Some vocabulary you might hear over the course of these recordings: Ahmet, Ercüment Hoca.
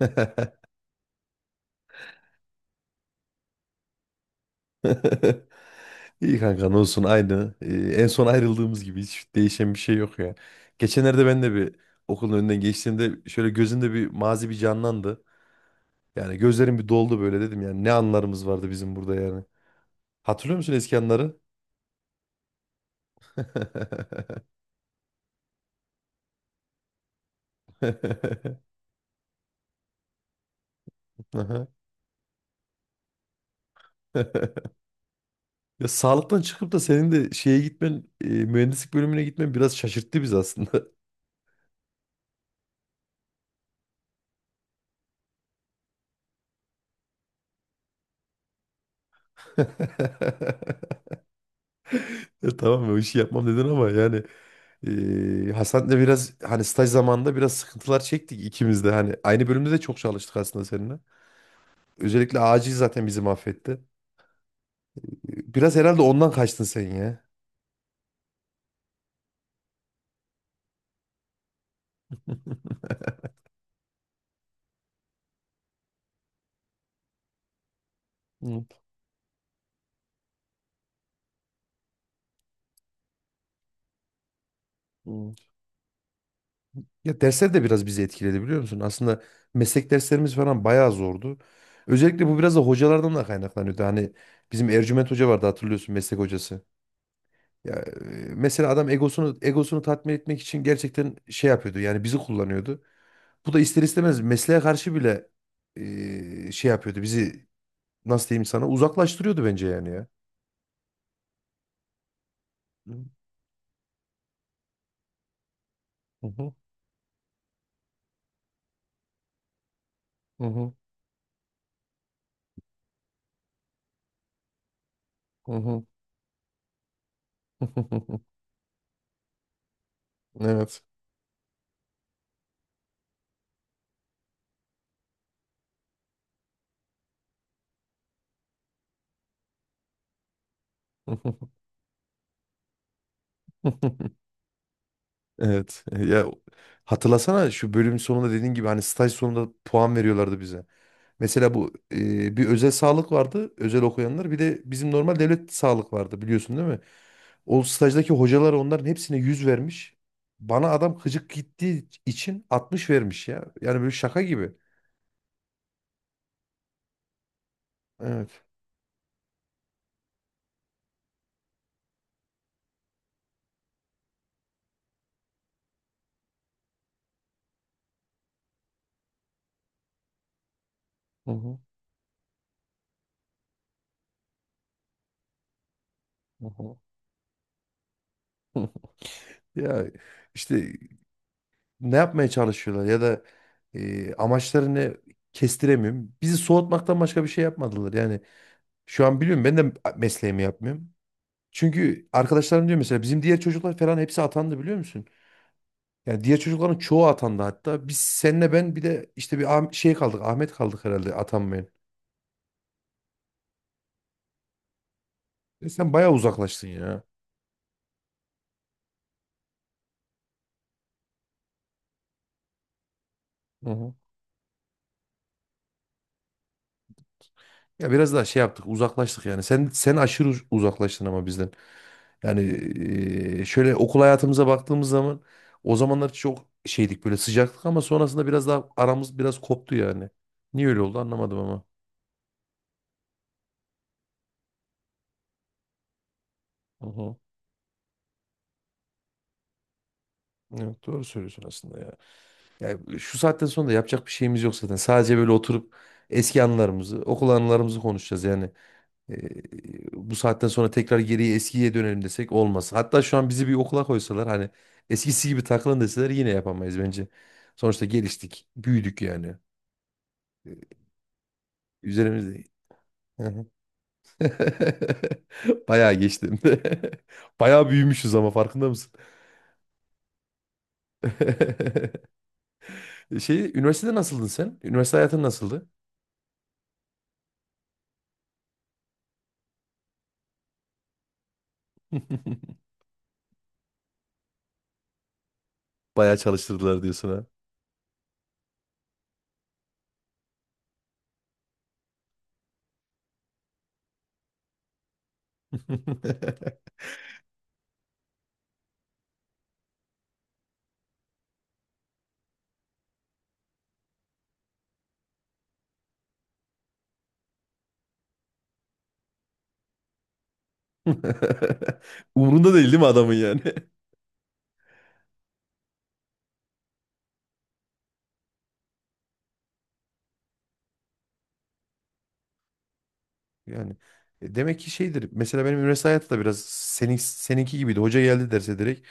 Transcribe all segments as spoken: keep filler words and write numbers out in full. İyi kanka ne olsun aynı. Ee, en son ayrıldığımız gibi hiç değişen bir şey yok ya. Geçenlerde ben de bir okulun önünden geçtiğimde şöyle gözümde bir mazi bir canlandı. Yani gözlerim bir doldu böyle dedim yani ne anlarımız vardı bizim burada yani. Hatırlıyor musun eski anları? Aha. Ya sağlıktan çıkıp da senin de şeye gitmen, e, mühendislik bölümüne gitmen biraz şaşırttı bizi aslında. Ya tamam o işi yapmam dedin ama yani eee Hasan'la biraz hani staj zamanında biraz sıkıntılar çektik ikimiz de. Hani aynı bölümde de çok çalıştık aslında seninle. Özellikle acil zaten bizi mahvetti. E, Biraz herhalde ondan kaçtın sen ya. Hı, hı. Ya dersler de biraz bizi etkiledi biliyor musun? Aslında meslek derslerimiz falan bayağı zordu. Özellikle bu biraz da hocalardan da kaynaklanıyordu. Hani bizim Ercüment Hoca vardı hatırlıyorsun meslek hocası. Ya e, mesela adam egosunu egosunu tatmin etmek için gerçekten şey yapıyordu. Yani bizi kullanıyordu. Bu da ister istemez mesleğe karşı bile eee, şey yapıyordu. Bizi nasıl diyeyim sana uzaklaştırıyordu bence yani ya. Mhm, mhm, mhm. Evet. Evet. Ya hatırlasana şu bölüm sonunda dediğin gibi hani staj sonunda puan veriyorlardı bize. Mesela bu e, bir özel sağlık vardı. Özel okuyanlar. Bir de bizim normal devlet sağlık vardı biliyorsun değil mi? O stajdaki hocalar onların hepsine yüz vermiş. Bana adam gıcık gittiği için altmış vermiş ya. Yani böyle şaka gibi. Evet. Hı hı, hı hı. Ya işte ne yapmaya çalışıyorlar ya da e, amaçlarını kestiremiyorum. Bizi soğutmaktan başka bir şey yapmadılar. Yani şu an biliyorum ben de mesleğimi yapmıyorum. Çünkü arkadaşlarım diyor mesela bizim diğer çocuklar falan hepsi atandı biliyor musun? Yani diğer çocukların çoğu atandı hatta. Biz senle ben bir de işte bir Ah- şey kaldık. Ahmet kaldık herhalde atanmayan. E sen bayağı uzaklaştın ya. Hı hı. Ya biraz daha şey yaptık uzaklaştık yani. Sen sen aşırı uz- uzaklaştın ama bizden. Yani e, şöyle okul hayatımıza baktığımız zaman o zamanlar çok şeydik böyle sıcaktık ama sonrasında biraz daha aramız biraz koptu yani. Niye öyle oldu anlamadım ama. Hı hı. Evet doğru söylüyorsun aslında ya. Yani şu saatten sonra da yapacak bir şeyimiz yok zaten. Sadece böyle oturup eski anılarımızı, okul anılarımızı konuşacağız yani. Ee, Bu saatten sonra tekrar geriye eskiye dönelim desek olmaz. Hatta şu an bizi bir okula koysalar hani eskisi gibi takılın deseler yine yapamayız bence. Sonuçta geliştik, büyüdük yani. Üzerimizde. Hı hı. Bayağı geçtim. Bayağı büyümüşüz ama farkında mısın? Şey, üniversitede nasıldın sen? Üniversite hayatın nasıldı? Bayağı çalıştırdılar diyorsun. Umurunda değil değil mi adamın yani? Yani e, demek ki şeydir. Mesela benim üniversite hayatı da biraz senin, seninki gibiydi. Hoca geldi derse direkt.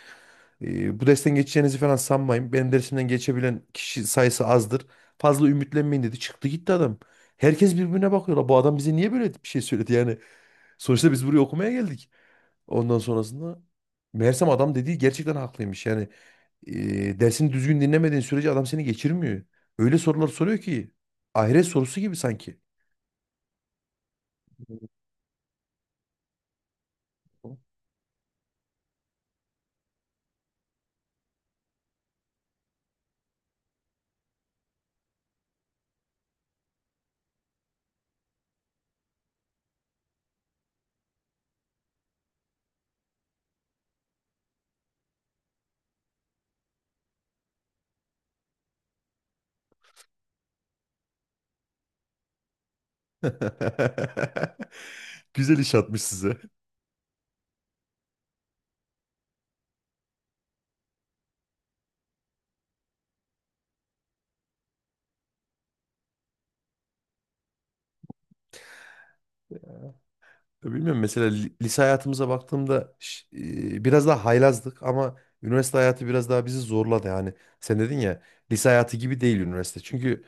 e, Bu dersten geçeceğinizi falan sanmayın. Benim dersimden geçebilen kişi sayısı azdır. Fazla ümitlenmeyin dedi. Çıktı gitti adam. Herkes birbirine bakıyor. "La, bu adam bize niye böyle bir şey söyledi? Yani sonuçta biz buraya okumaya geldik. Ondan sonrasında meğersem adam dediği gerçekten haklıymış. Yani e, dersini düzgün dinlemediğin sürece adam seni geçirmiyor. Öyle sorular soruyor ki ahiret sorusu gibi sanki. Güzel iş atmış size. Ya bilmiyorum mesela li- lise hayatımıza baktığımda ş- e, biraz daha haylazdık ama üniversite hayatı biraz daha bizi zorladı yani. Sen dedin ya lise hayatı gibi değil üniversite. Çünkü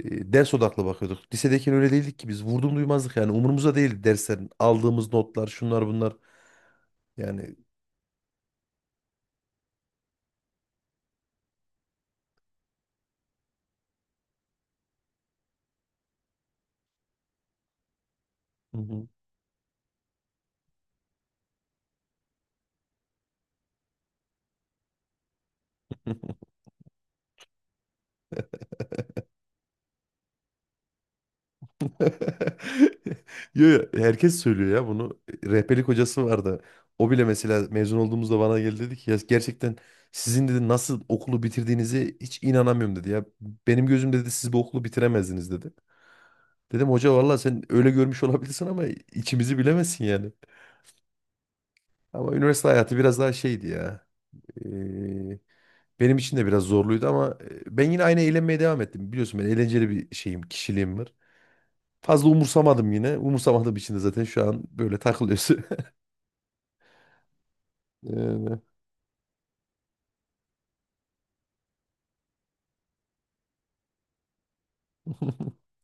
e, ders odaklı bakıyorduk. Lisedeyken öyle değildik ki biz vurdum duymazdık yani umurumuzda değildi derslerin aldığımız notlar şunlar bunlar yani. Hı hı. Yo, yo, herkes söylüyor ya bunu. Rehberlik hocası vardı. O bile mesela mezun olduğumuzda bana geldi dedi ki ya gerçekten sizin dedi nasıl okulu bitirdiğinizi hiç inanamıyorum dedi ya. Benim gözümde dedi siz bu okulu bitiremezdiniz dedi. Dedim hoca valla sen öyle görmüş olabilirsin ama içimizi bilemezsin yani. Ama üniversite hayatı biraz daha şeydi ya. Ee, Benim için de biraz zorluydu ama e, ben yine aynı eğlenmeye devam ettim. Biliyorsun ben eğlenceli bir şeyim, kişiliğim var. Fazla umursamadım yine. Umursamadığım için de zaten şu an böyle takılıyorsun. Yani.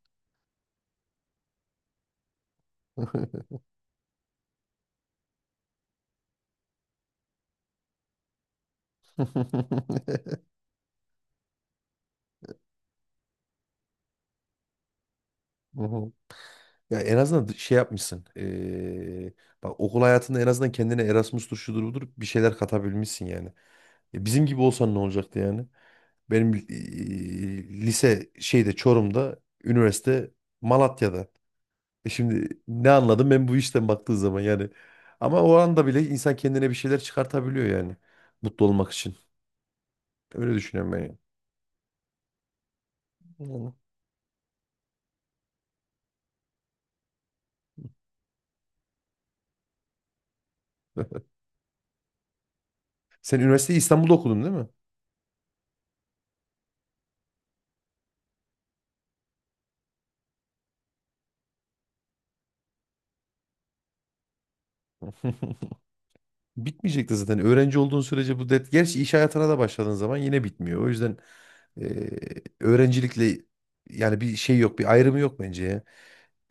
Hı. Ya en azından şey yapmışsın. Ee, bak okul hayatında en azından kendine Erasmus'tur şudur budur bir şeyler katabilmişsin yani. Ya bizim gibi olsan ne olacaktı yani? Benim ee, lise şeyde Çorum'da, üniversite Malatya'da. E şimdi ne anladım ben bu işten baktığı zaman yani. Ama o anda bile insan kendine bir şeyler çıkartabiliyor yani. Mutlu olmak için. Öyle düşünüyorum ben. Yani. Yani. Sen üniversiteyi İstanbul'da okudun değil mi? Bitmeyecekti zaten. Öğrenci olduğun sürece bu dert. Gerçi iş hayatına da başladığın zaman yine bitmiyor. O yüzden eee, öğrencilikle yani bir şey yok, bir ayrımı yok bence ya.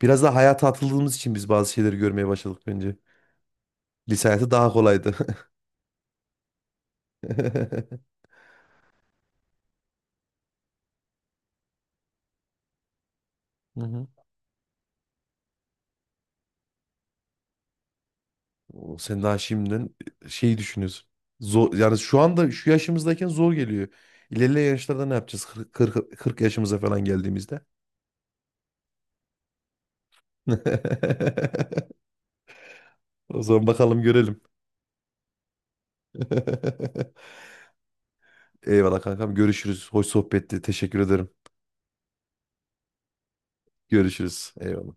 Biraz da hayata atıldığımız için biz bazı şeyleri görmeye başladık bence. Lise hayatı daha kolaydı. Hı hı. O, sen daha şimdiden şeyi düşünüyorsun. Zor, yani şu anda şu yaşımızdayken zor geliyor. İlerleyen yaşlarda ne yapacağız? kırk, kırk yaşımıza falan geldiğimizde. O zaman bakalım görelim. Eyvallah kankam. Görüşürüz. Hoş sohbetti. Teşekkür ederim. Görüşürüz. Eyvallah.